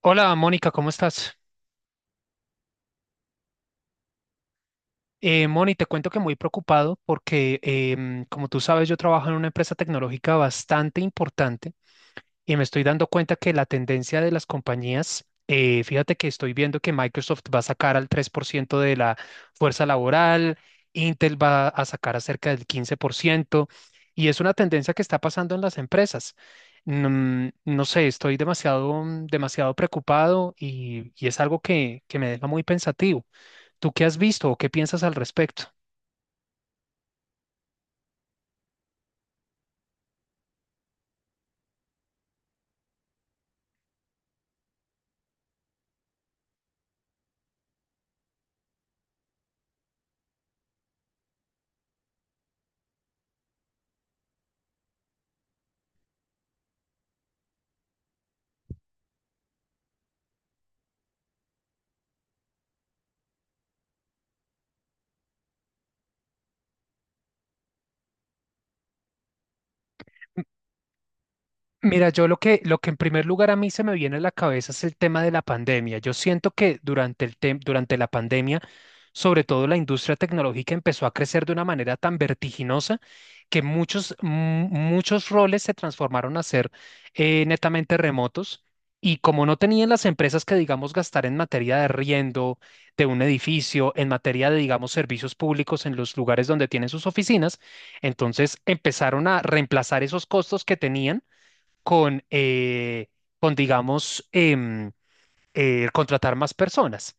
Hola Mónica, ¿cómo estás? Moni, te cuento que muy preocupado porque, como tú sabes, yo trabajo en una empresa tecnológica bastante importante y me estoy dando cuenta que la tendencia de las compañías, fíjate que estoy viendo que Microsoft va a sacar al 3% de la fuerza laboral, Intel va a sacar a cerca del 15% y es una tendencia que está pasando en las empresas. No sé, estoy demasiado, demasiado preocupado y es algo que me deja muy pensativo. ¿Tú qué has visto o qué piensas al respecto? Mira, yo lo que en primer lugar a mí se me viene a la cabeza es el tema de la pandemia. Yo siento que durante el durante la pandemia, sobre todo la industria tecnológica empezó a crecer de una manera tan vertiginosa que muchos roles se transformaron a ser netamente remotos. Y como no tenían las empresas que, digamos, gastar en materia de arriendo de un edificio, en materia de, digamos, servicios públicos en los lugares donde tienen sus oficinas, entonces empezaron a reemplazar esos costos que tenían con, eh, con digamos, em, contratar más personas.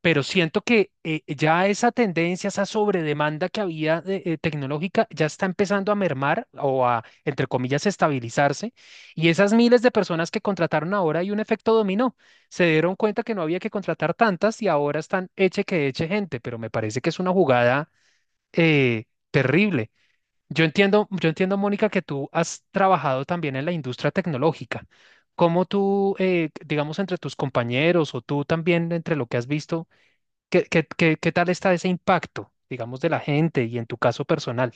Pero siento que ya esa tendencia, esa sobredemanda que había tecnológica, ya está empezando a mermar o a, entre comillas, estabilizarse. Y esas miles de personas que contrataron ahora hay un efecto dominó. Se dieron cuenta que no había que contratar tantas y ahora están eche que eche gente, pero me parece que es una jugada eh, terrible. Yo entiendo, Mónica, que tú has trabajado también en la industria tecnológica. ¿Cómo tú, digamos, entre tus compañeros o tú también, entre lo que has visto, qué tal está ese impacto, digamos, de la gente y en tu caso personal?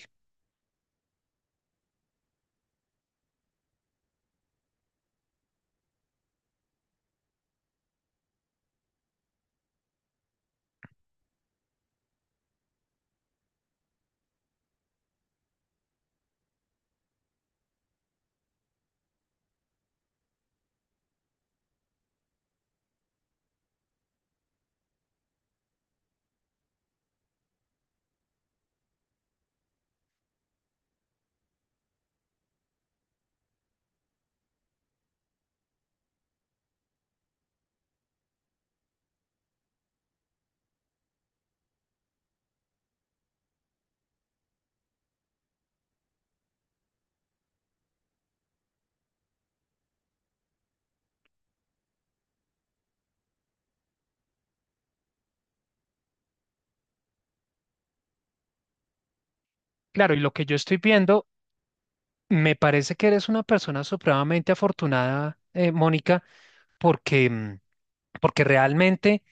Claro, y lo que yo estoy viendo, me parece que eres una persona supremamente afortunada, Mónica, porque, mm, porque realmente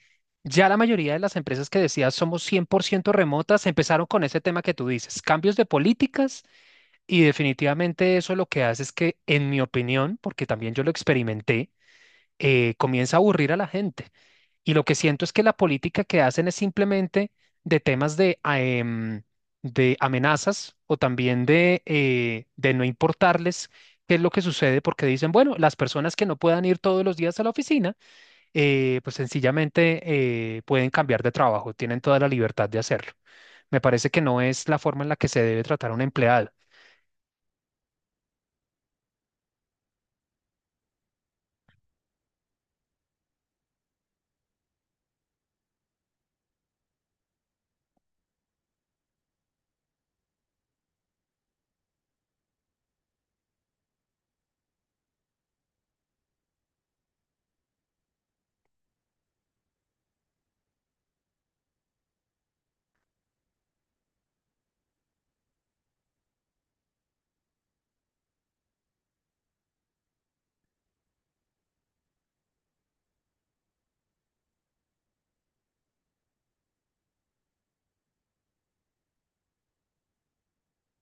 ya la mayoría de las empresas que decías somos 100% remotas empezaron con ese tema que tú dices, cambios de políticas. Y definitivamente eso lo que hace es que, en mi opinión, porque también yo lo experimenté, comienza a aburrir a la gente. Y lo que siento es que la política que hacen es simplemente de temas de amenazas o también de no importarles qué es lo que sucede, porque dicen, bueno, las personas que no puedan ir todos los días a la oficina, pues sencillamente pueden cambiar de trabajo, tienen toda la libertad de hacerlo. Me parece que no es la forma en la que se debe tratar a un empleado.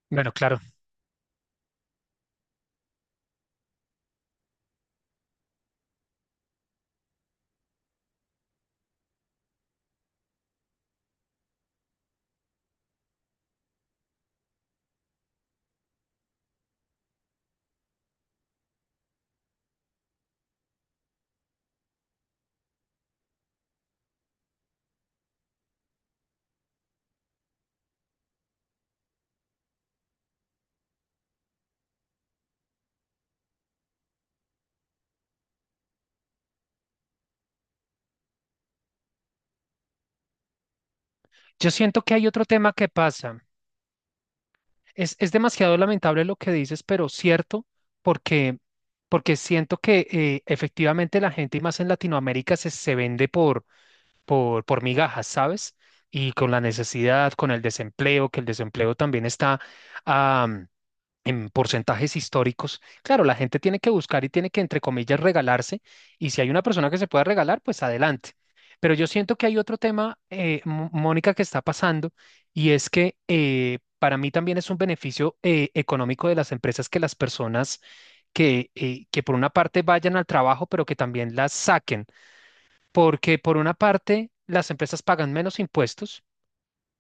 Bueno, claro, yo siento que hay otro tema que pasa. Es demasiado lamentable lo que dices, pero cierto, porque, porque siento que efectivamente la gente, y más en Latinoamérica, se vende por migajas, ¿sabes? Y con la necesidad, con el desempleo, que el desempleo también está en porcentajes históricos. Claro, la gente tiene que buscar y tiene que, entre comillas, regalarse. Y si hay una persona que se pueda regalar, pues adelante. Pero yo siento que hay otro tema, Mónica, que está pasando y es que para mí también es un beneficio económico de las empresas que las personas que por una parte vayan al trabajo, pero que también las saquen, porque por una parte las empresas pagan menos impuestos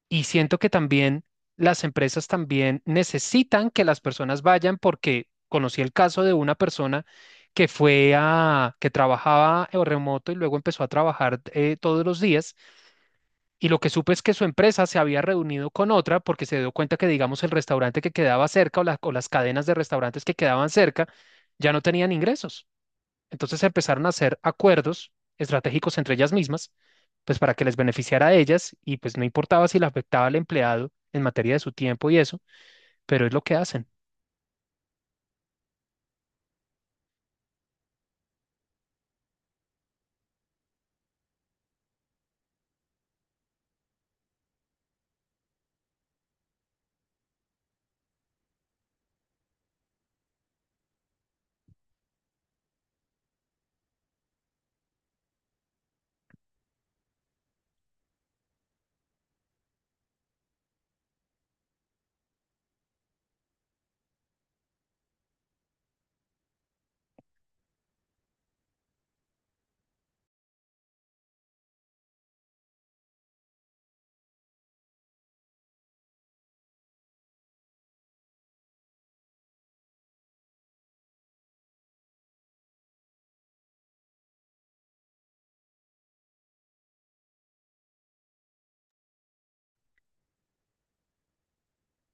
y siento que también las empresas también necesitan que las personas vayan porque conocí el caso de una persona que trabajaba en remoto y luego empezó a trabajar todos los días. Y lo que supe es que su empresa se había reunido con otra porque se dio cuenta que, digamos, el restaurante que quedaba cerca o las cadenas de restaurantes que quedaban cerca ya no tenían ingresos. Entonces empezaron a hacer acuerdos estratégicos entre ellas mismas, pues para que les beneficiara a ellas y pues no importaba si le afectaba al empleado en materia de su tiempo y eso, pero es lo que hacen.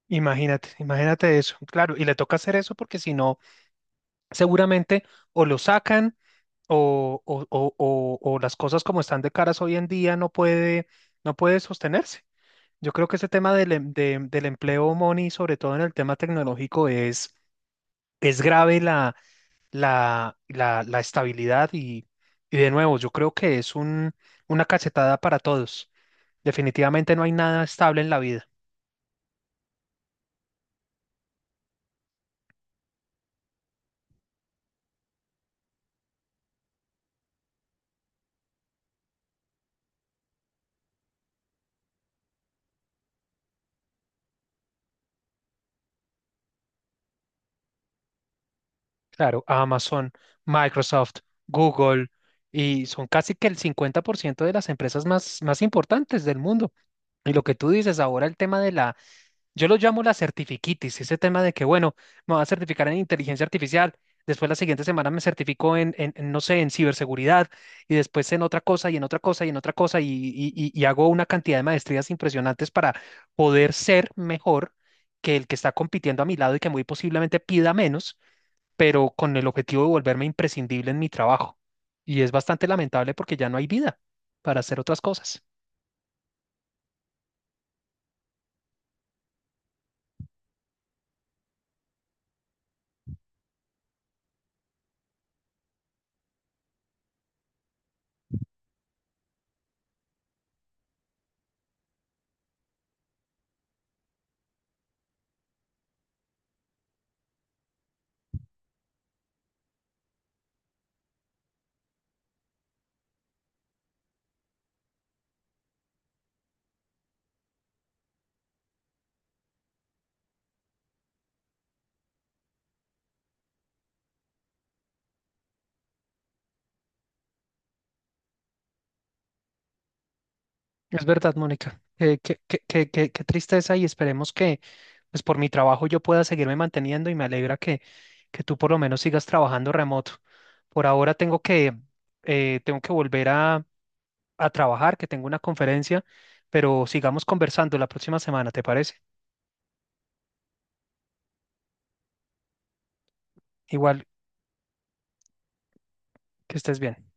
Imagínate, imagínate eso, claro, y le toca hacer eso porque si no, seguramente o lo sacan o las cosas como están de caras hoy en día no puede, sostenerse. Yo creo que ese tema del empleo, Moni, sobre todo en el tema tecnológico, es grave la estabilidad y de nuevo, yo creo que es una cachetada para todos. Definitivamente no hay nada estable en la vida. Claro, Amazon, Microsoft, Google, y son casi que el 50% de las empresas más importantes del mundo. Y lo que tú dices ahora, el tema de la yo lo llamo la certifiquitis, ese tema de que, bueno, me voy a certificar en inteligencia artificial, después la siguiente semana me certifico en, no sé, en ciberseguridad, y después en otra cosa, y en otra cosa, y en otra cosa, y hago una cantidad de maestrías impresionantes para poder ser mejor que el que está compitiendo a mi lado y que muy posiblemente pida menos, pero con el objetivo de volverme imprescindible en mi trabajo. Y es bastante lamentable porque ya no hay vida para hacer otras cosas. Es verdad, Mónica. Qué tristeza, y esperemos que, pues por mi trabajo yo pueda seguirme manteniendo y me alegra que, tú por lo menos sigas trabajando remoto. Por ahora tengo que volver a trabajar, que tengo una conferencia, pero sigamos conversando la próxima semana, ¿te parece? Igual, que estés bien.